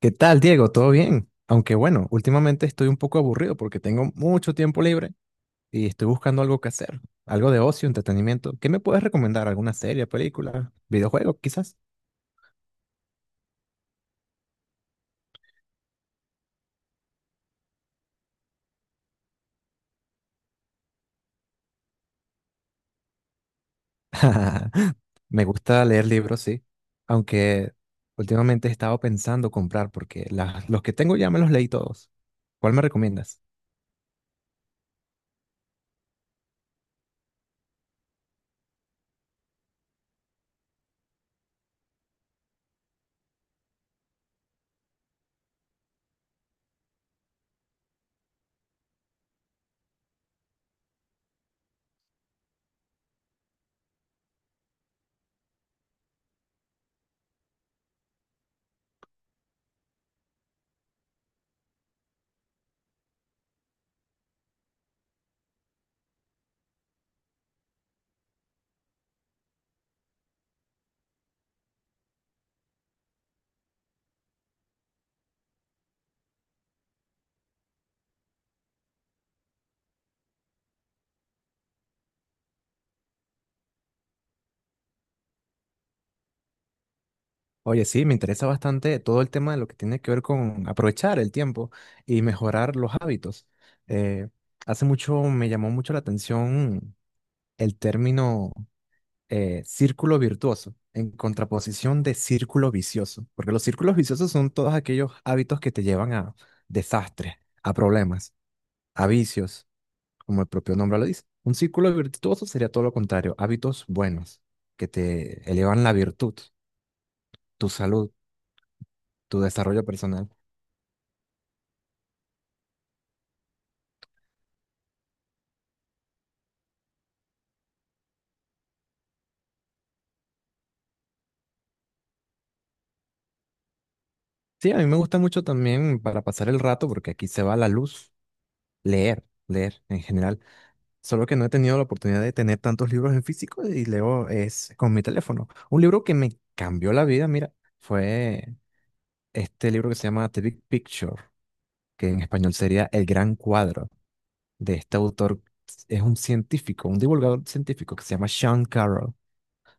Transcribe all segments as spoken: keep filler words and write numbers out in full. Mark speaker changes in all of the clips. Speaker 1: ¿Qué tal, Diego? ¿Todo bien? Aunque bueno, últimamente estoy un poco aburrido porque tengo mucho tiempo libre y estoy buscando algo que hacer, algo de ocio, entretenimiento. ¿Qué me puedes recomendar? ¿Alguna serie, película, videojuego, quizás? Me gusta leer libros, sí, aunque últimamente he estado pensando comprar porque la- los que tengo ya me los leí todos. ¿Cuál me recomiendas? Oye, sí, me interesa bastante todo el tema de lo que tiene que ver con aprovechar el tiempo y mejorar los hábitos. Eh, hace mucho me llamó mucho la atención el término eh, círculo virtuoso en contraposición de círculo vicioso, porque los círculos viciosos son todos aquellos hábitos que te llevan a desastres, a problemas, a vicios, como el propio nombre lo dice. Un círculo virtuoso sería todo lo contrario, hábitos buenos que te elevan la virtud, tu salud, tu desarrollo personal. Sí, a mí me gusta mucho también para pasar el rato, porque aquí se va la luz, leer, leer en general. Solo que no he tenido la oportunidad de tener tantos libros en físico y leo es con mi teléfono. Un libro que me cambió la vida, mira, fue este libro que se llama The Big Picture, que en español sería El Gran Cuadro, de este autor. Es un científico, un divulgador científico que se llama Sean Carroll.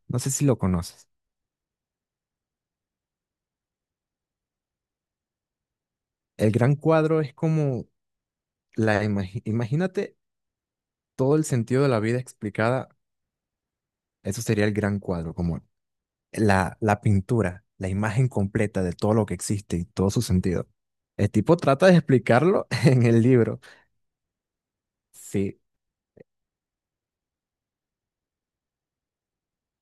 Speaker 1: No sé si lo conoces. El Gran Cuadro es como la, imagi- imagínate todo el sentido de la vida explicada. Eso sería el gran cuadro, como la, la pintura, la imagen completa de todo lo que existe y todo su sentido. El tipo trata de explicarlo en el libro. Sí,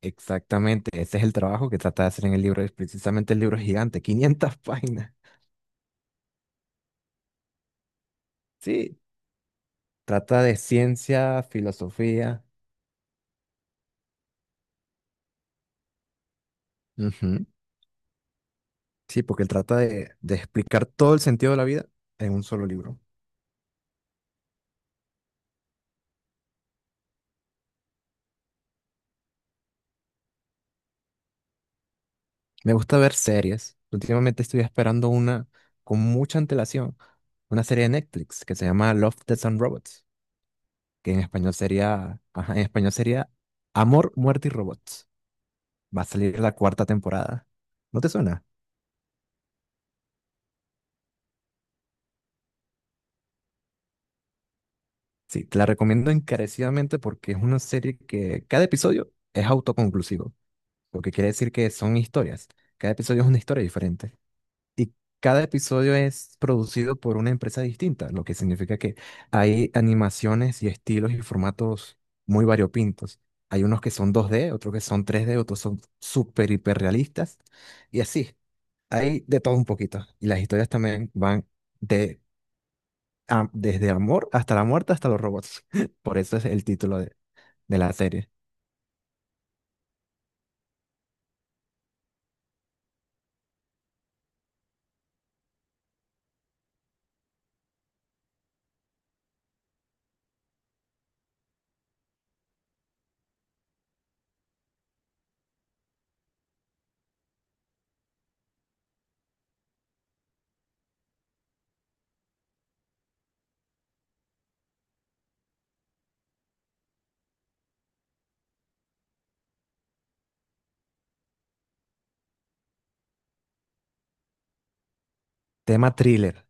Speaker 1: exactamente. Ese es el trabajo que trata de hacer en el libro. Es precisamente el libro es gigante, quinientas páginas. Sí, trata de ciencia, filosofía. Ujú. Sí, porque él trata de, de explicar todo el sentido de la vida en un solo libro. Me gusta ver series. Últimamente estoy esperando una con mucha antelación, una serie de Netflix que se llama Love, Death and Robots, que en español sería, ajá, en español sería Amor, Muerte y Robots. Va a salir la cuarta temporada. ¿No te suena? Sí, te la recomiendo encarecidamente porque es una serie que cada episodio es autoconclusivo, lo que quiere decir que son historias. Cada episodio es una historia diferente. Y cada episodio es producido por una empresa distinta, lo que significa que hay animaciones y estilos y formatos muy variopintos. Hay unos que son dos D, otros que son tres D, otros son súper hiperrealistas y así. Hay de todo un poquito. Y las historias también van de, a- desde amor hasta la muerte hasta los robots. Por eso es el título de, de la serie. Tema thriller.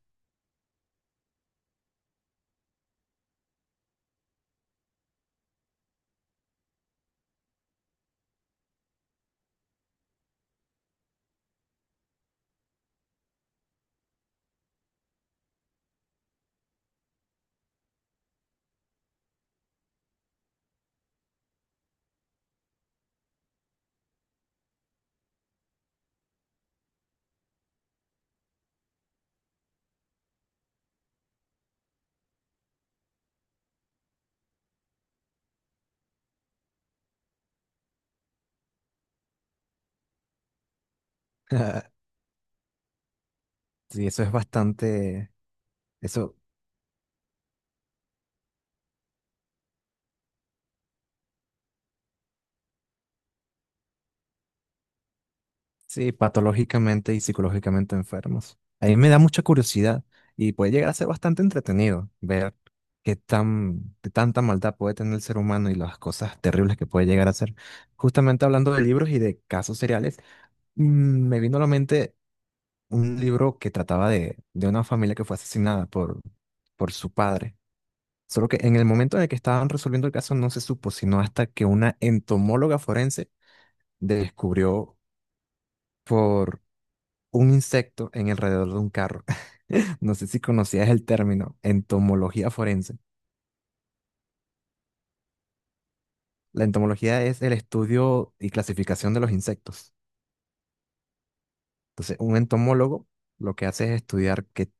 Speaker 1: Sí, eso es bastante. Eso Sí, patológicamente y psicológicamente enfermos. A mí me da mucha curiosidad y puede llegar a ser bastante entretenido ver qué tan, qué tanta maldad puede tener el ser humano y las cosas terribles que puede llegar a ser. Justamente hablando de libros y de casos seriales, mm, me vino a la mente un libro que trataba de, de una familia que fue asesinada por, por su padre. Solo que en el momento en el que estaban resolviendo el caso no se supo, sino hasta que una entomóloga forense descubrió un insecto en alrededor de un carro. No sé si conocías el término entomología forense. La entomología es el estudio y clasificación de los insectos. Entonces, un entomólogo lo que hace es estudiar qué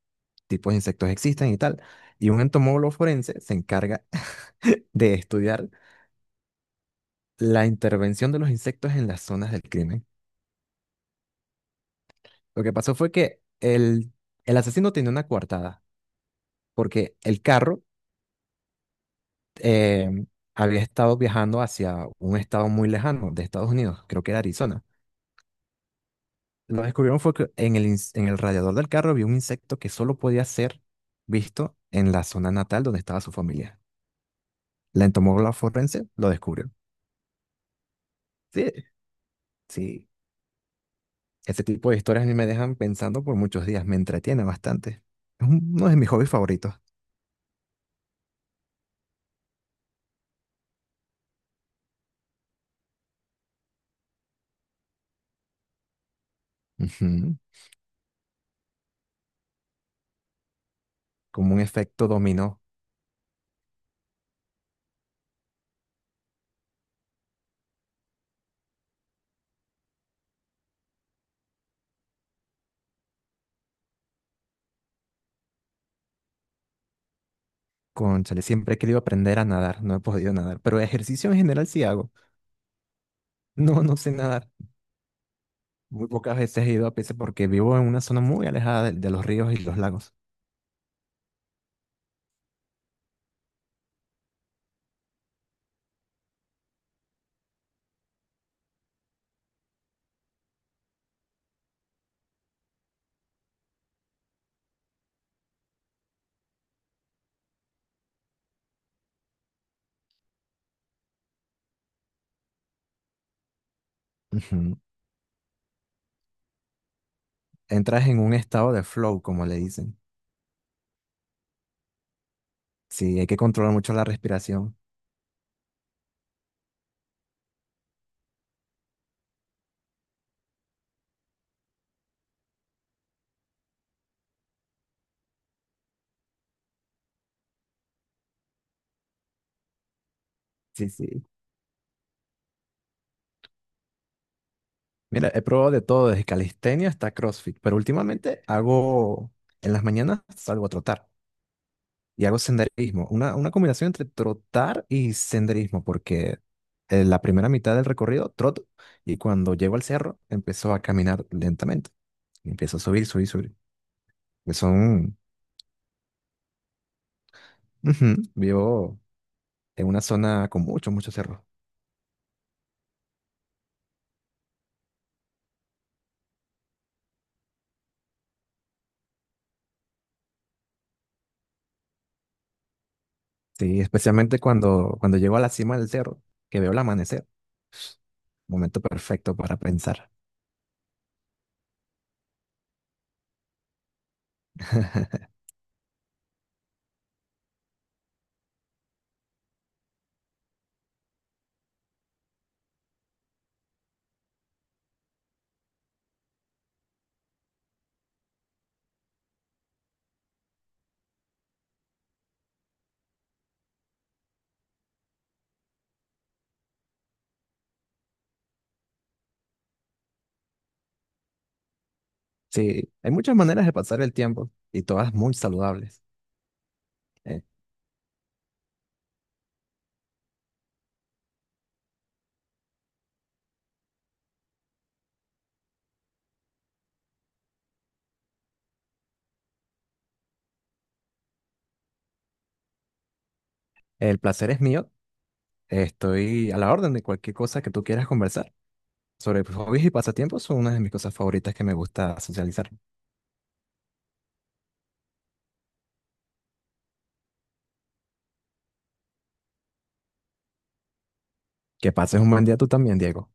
Speaker 1: tipos de insectos existen y tal. Y un entomólogo forense se encarga de estudiar la intervención de los insectos en las zonas del crimen. Lo que pasó fue que el, el asesino tenía una coartada, porque el carro eh, había estado viajando hacia un estado muy lejano de Estados Unidos, creo que era Arizona. Lo que descubrieron fue que en el, ins- en el radiador del carro había un insecto que solo podía ser visto en la zona natal donde estaba su familia. La entomóloga forense lo descubrió. Sí, sí. Ese tipo de historias a mí me dejan pensando por muchos días, me entretiene bastante. Es un- uno de mis hobbies favoritos. Ujú. Como un efecto dominó. Cónchale, siempre he querido aprender a nadar, no he podido nadar, pero ejercicio en general sí hago. No, no sé nadar. Muy pocas veces he ido a Pisa porque vivo en una zona muy alejada de, de los ríos y los lagos. Ujú. Entras en un estado de flow, como le dicen. Sí, hay que controlar mucho la respiración. Sí, sí. Mira, he probado de todo, desde calistenia hasta CrossFit, pero últimamente hago, en las mañanas salgo a trotar y hago senderismo. Una, una combinación entre trotar y senderismo, porque en la primera mitad del recorrido troto y cuando llego al cerro empiezo a caminar lentamente. Y empiezo a subir, subir, subir. Que Son. Ujú. Vivo en una zona con muchos, muchos cerros. Sí, especialmente cuando, cuando llego a la cima del cerro, que veo el amanecer. Momento perfecto para pensar. Sí, hay muchas maneras de pasar el tiempo y todas muy saludables. Eh, el placer es mío. Estoy a la orden de cualquier cosa que tú quieras conversar. Sobre hobbies y pasatiempos son una de mis cosas favoritas que me gusta socializar. Que pases un buen día tú también, Diego.